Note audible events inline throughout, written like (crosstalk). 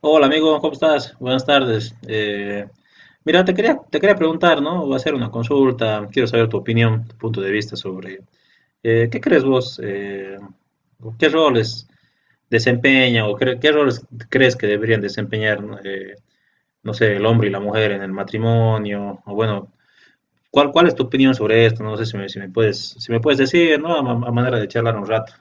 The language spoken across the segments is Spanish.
Hola amigo, ¿cómo estás? Buenas tardes. Mira, te quería preguntar, ¿no? Va a ser una consulta, quiero saber tu opinión, tu punto de vista sobre ¿qué crees vos? ¿Qué roles qué roles crees que deberían desempeñar? ¿No? No sé, ¿el hombre y la mujer en el matrimonio? O bueno, ¿cuál es tu opinión sobre esto? No sé si si me puedes, si me puedes decir, ¿no? A, a manera de charlar un rato.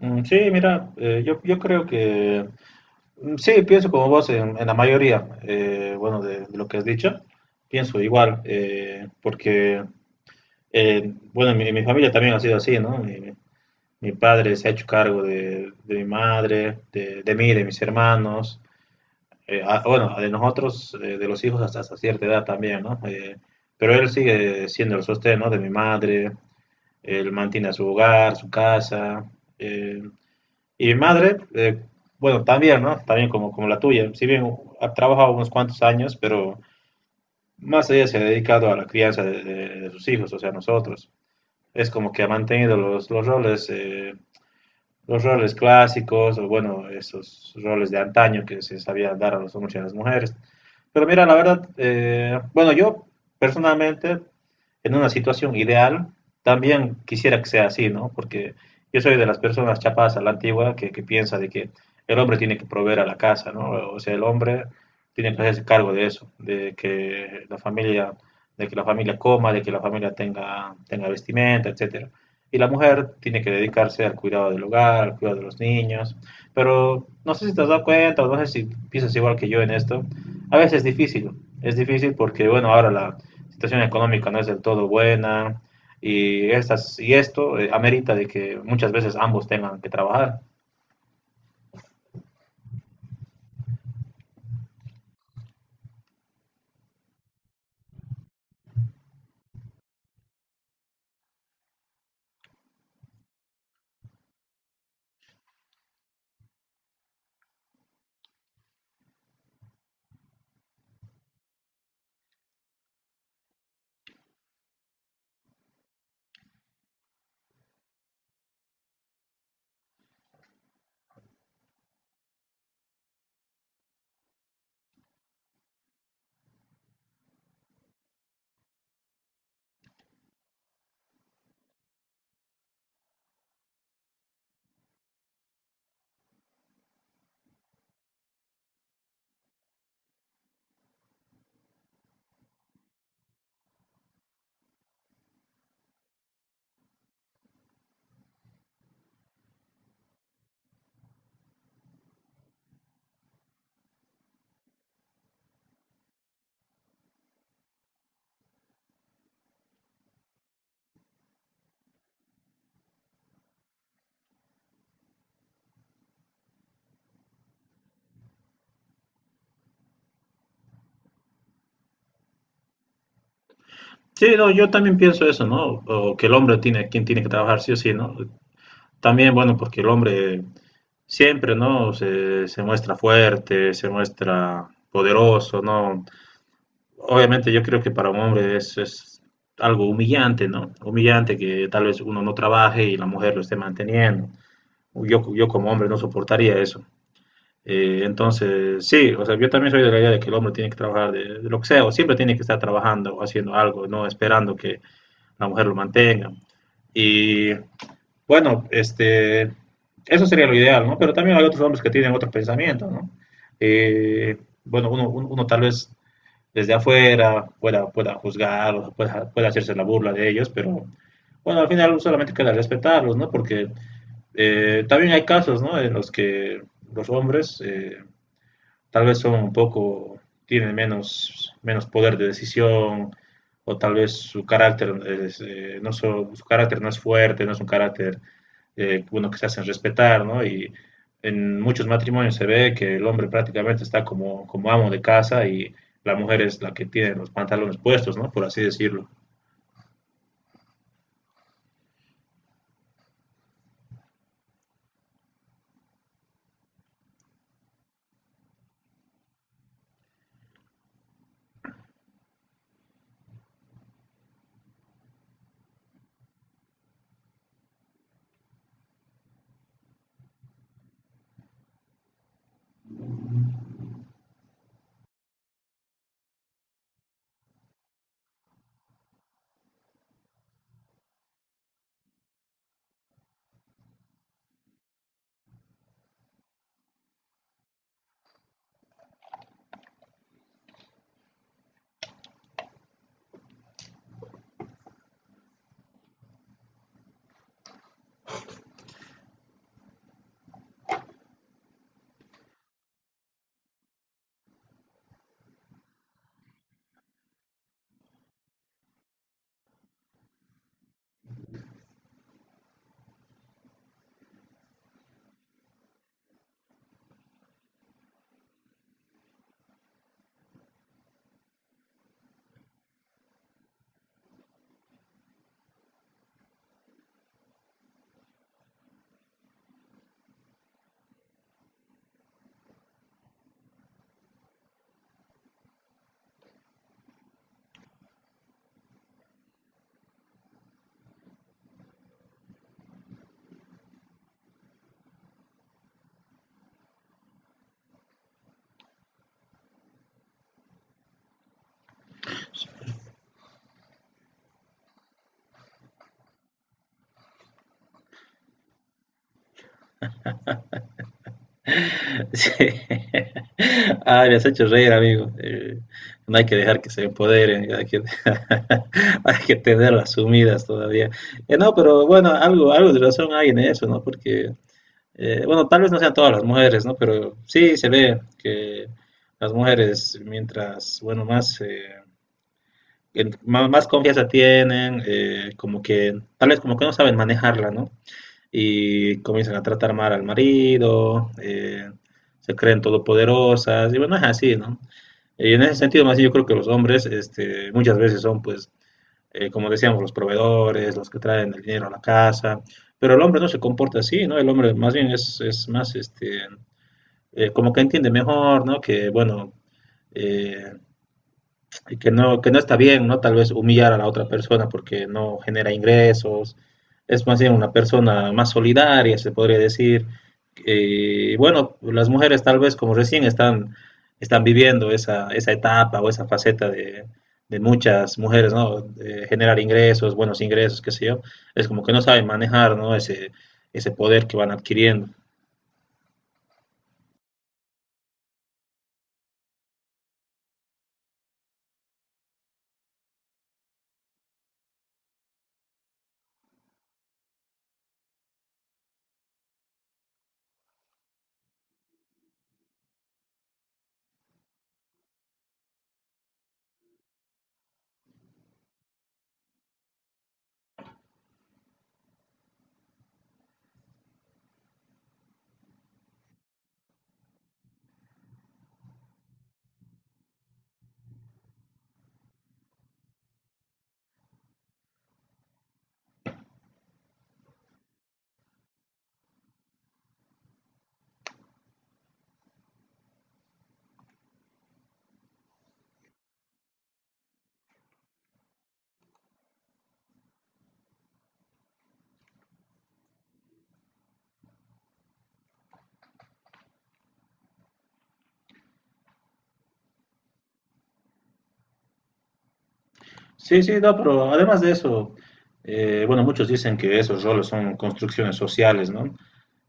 Mm, sí, mira, yo creo que mm, sí, pienso como vos en la mayoría, bueno, de lo que has dicho, pienso igual, porque, bueno, mi familia también ha sido así, ¿no? Mi padre se ha hecho cargo de mi madre, de mí, de mis hermanos, bueno, de nosotros, de los hijos hasta, hasta cierta edad también, ¿no? Pero él sigue siendo el sostén, ¿no? De mi madre, él mantiene su hogar, su casa. eh, y mi madre, bueno, también, ¿no? También como, como la tuya. Si bien ha trabajado unos cuantos años, pero más ella se ha dedicado a la crianza de, de sus hijos, o sea, nosotros. Es como que ha mantenido los roles clásicos, o bueno, esos roles de antaño que se sabía dar a los hombres y a las mujeres. Pero mira, la verdad, bueno, yo personalmente, en una situación ideal, también quisiera que sea así, ¿no? Porque yo soy de las personas chapadas a la antigua que piensa de que el hombre tiene que proveer a la casa, ¿no? O sea, el hombre tiene que hacerse cargo de eso, de que la familia, de que la familia coma, de que la familia tenga, tenga vestimenta, etcétera. Y la mujer tiene que dedicarse al cuidado del hogar, al cuidado de los niños. Pero no sé si te has dado cuenta, o no sé si piensas igual que yo en esto, a veces es difícil porque, bueno, ahora la situación económica no es del todo buena y esto amerita de que muchas veces ambos tengan que trabajar. Sí, no, yo también pienso eso, ¿no? O que el hombre tiene, quien tiene que trabajar sí o sí, ¿no? También, bueno, porque el hombre siempre, ¿no? Se muestra fuerte, se muestra poderoso, ¿no? Obviamente yo creo que para un hombre es algo humillante, ¿no? Humillante que tal vez uno no trabaje y la mujer lo esté manteniendo. Yo como hombre no soportaría eso. Entonces, sí, o sea, yo también soy de la idea de que el hombre tiene que trabajar de lo que sea, o siempre tiene que estar trabajando o haciendo algo, no esperando que la mujer lo mantenga. Y bueno, este, eso sería lo ideal, ¿no? Pero también hay otros hombres que tienen otros pensamientos, ¿no? Eh, bueno, uno tal vez desde afuera pueda juzgar, o pueda hacerse la burla de ellos, pero bueno, al final solamente queda respetarlos, ¿no? Porque también hay casos, ¿no? En los que los hombres tal vez son un poco, tienen menos, menos poder de decisión o tal vez su carácter es, su carácter no es fuerte, no es un carácter bueno, que se hacen respetar, ¿no? Y en muchos matrimonios se ve que el hombre prácticamente está como, como amo de casa y la mujer es la que tiene los pantalones puestos, ¿no? Por así decirlo. (laughs) Ah, me has hecho reír. No hay que dejar que se empoderen, hay que, (laughs) hay que tenerlas sumidas todavía. No, pero bueno, algo, algo de razón hay en eso, ¿no? Porque, bueno, tal vez no sean todas las mujeres, ¿no? Pero sí se ve que las mujeres, mientras, bueno, más, más, más confianza tienen, como que, tal vez como que no saben manejarla, ¿no? Y comienzan a tratar mal al marido, se creen todopoderosas, y bueno, es así, ¿no? Y en ese sentido, más yo creo que los hombres, este, muchas veces son, pues, como decíamos, los proveedores, los que traen el dinero a la casa, pero el hombre no se comporta así, ¿no? El hombre más bien es más, este, como que entiende mejor, ¿no? Que, bueno, eh, que no está bien, ¿no? Tal vez humillar a la otra persona porque no genera ingresos, es más bien una persona más solidaria, se podría decir. Bueno, las mujeres tal vez como recién están, están viviendo esa, esa etapa o esa faceta de muchas mujeres, ¿no? De generar ingresos, buenos ingresos, qué sé yo, es como que no saben manejar, ¿no? Ese poder que van adquiriendo. Sí, sí, no, pero además de eso, bueno, muchos dicen que esos roles son construcciones sociales, ¿no?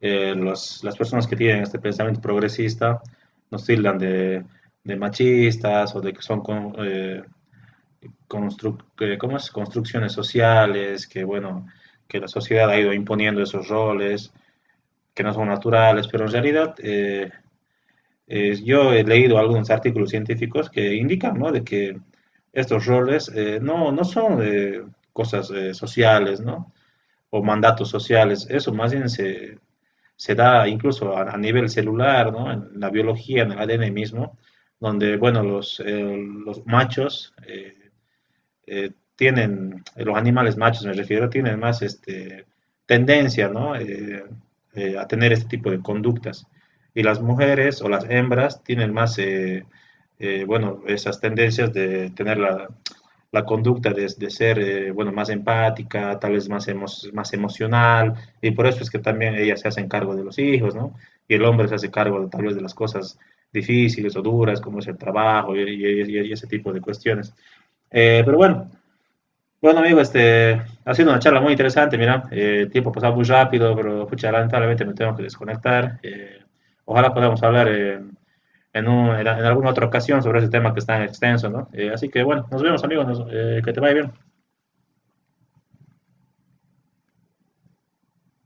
Las personas que tienen este pensamiento progresista nos tildan de machistas o de que son ¿cómo es? Construcciones sociales, que bueno, que la sociedad ha ido imponiendo esos roles que no son naturales, pero en realidad yo he leído algunos artículos científicos que indican, ¿no? De que estos roles no son cosas sociales, ¿no? O mandatos sociales. Eso más bien se da incluso a nivel celular, ¿no? En la biología, en el ADN mismo, donde, bueno, los machos tienen, los animales machos me refiero, tienen más este, tendencia, ¿no? A tener este tipo de conductas. Y las mujeres o las hembras tienen más, bueno, esas tendencias de tener la, la conducta de ser, bueno, más empática, tal vez más, emo más emocional, y por eso es que también ellas se hacen cargo de los hijos, ¿no? Y el hombre se hace cargo tal vez de las cosas difíciles o duras, como es el trabajo y ese tipo de cuestiones. Eh, pero bueno, bueno, amigo, este, ha sido una charla muy interesante, mira, el tiempo ha pasado muy rápido, pero pucha, lamentablemente me tengo que desconectar. Ojalá podamos hablar en alguna otra ocasión sobre ese tema que es tan extenso, ¿no? Así que bueno, nos vemos, amigos, que te vaya bien.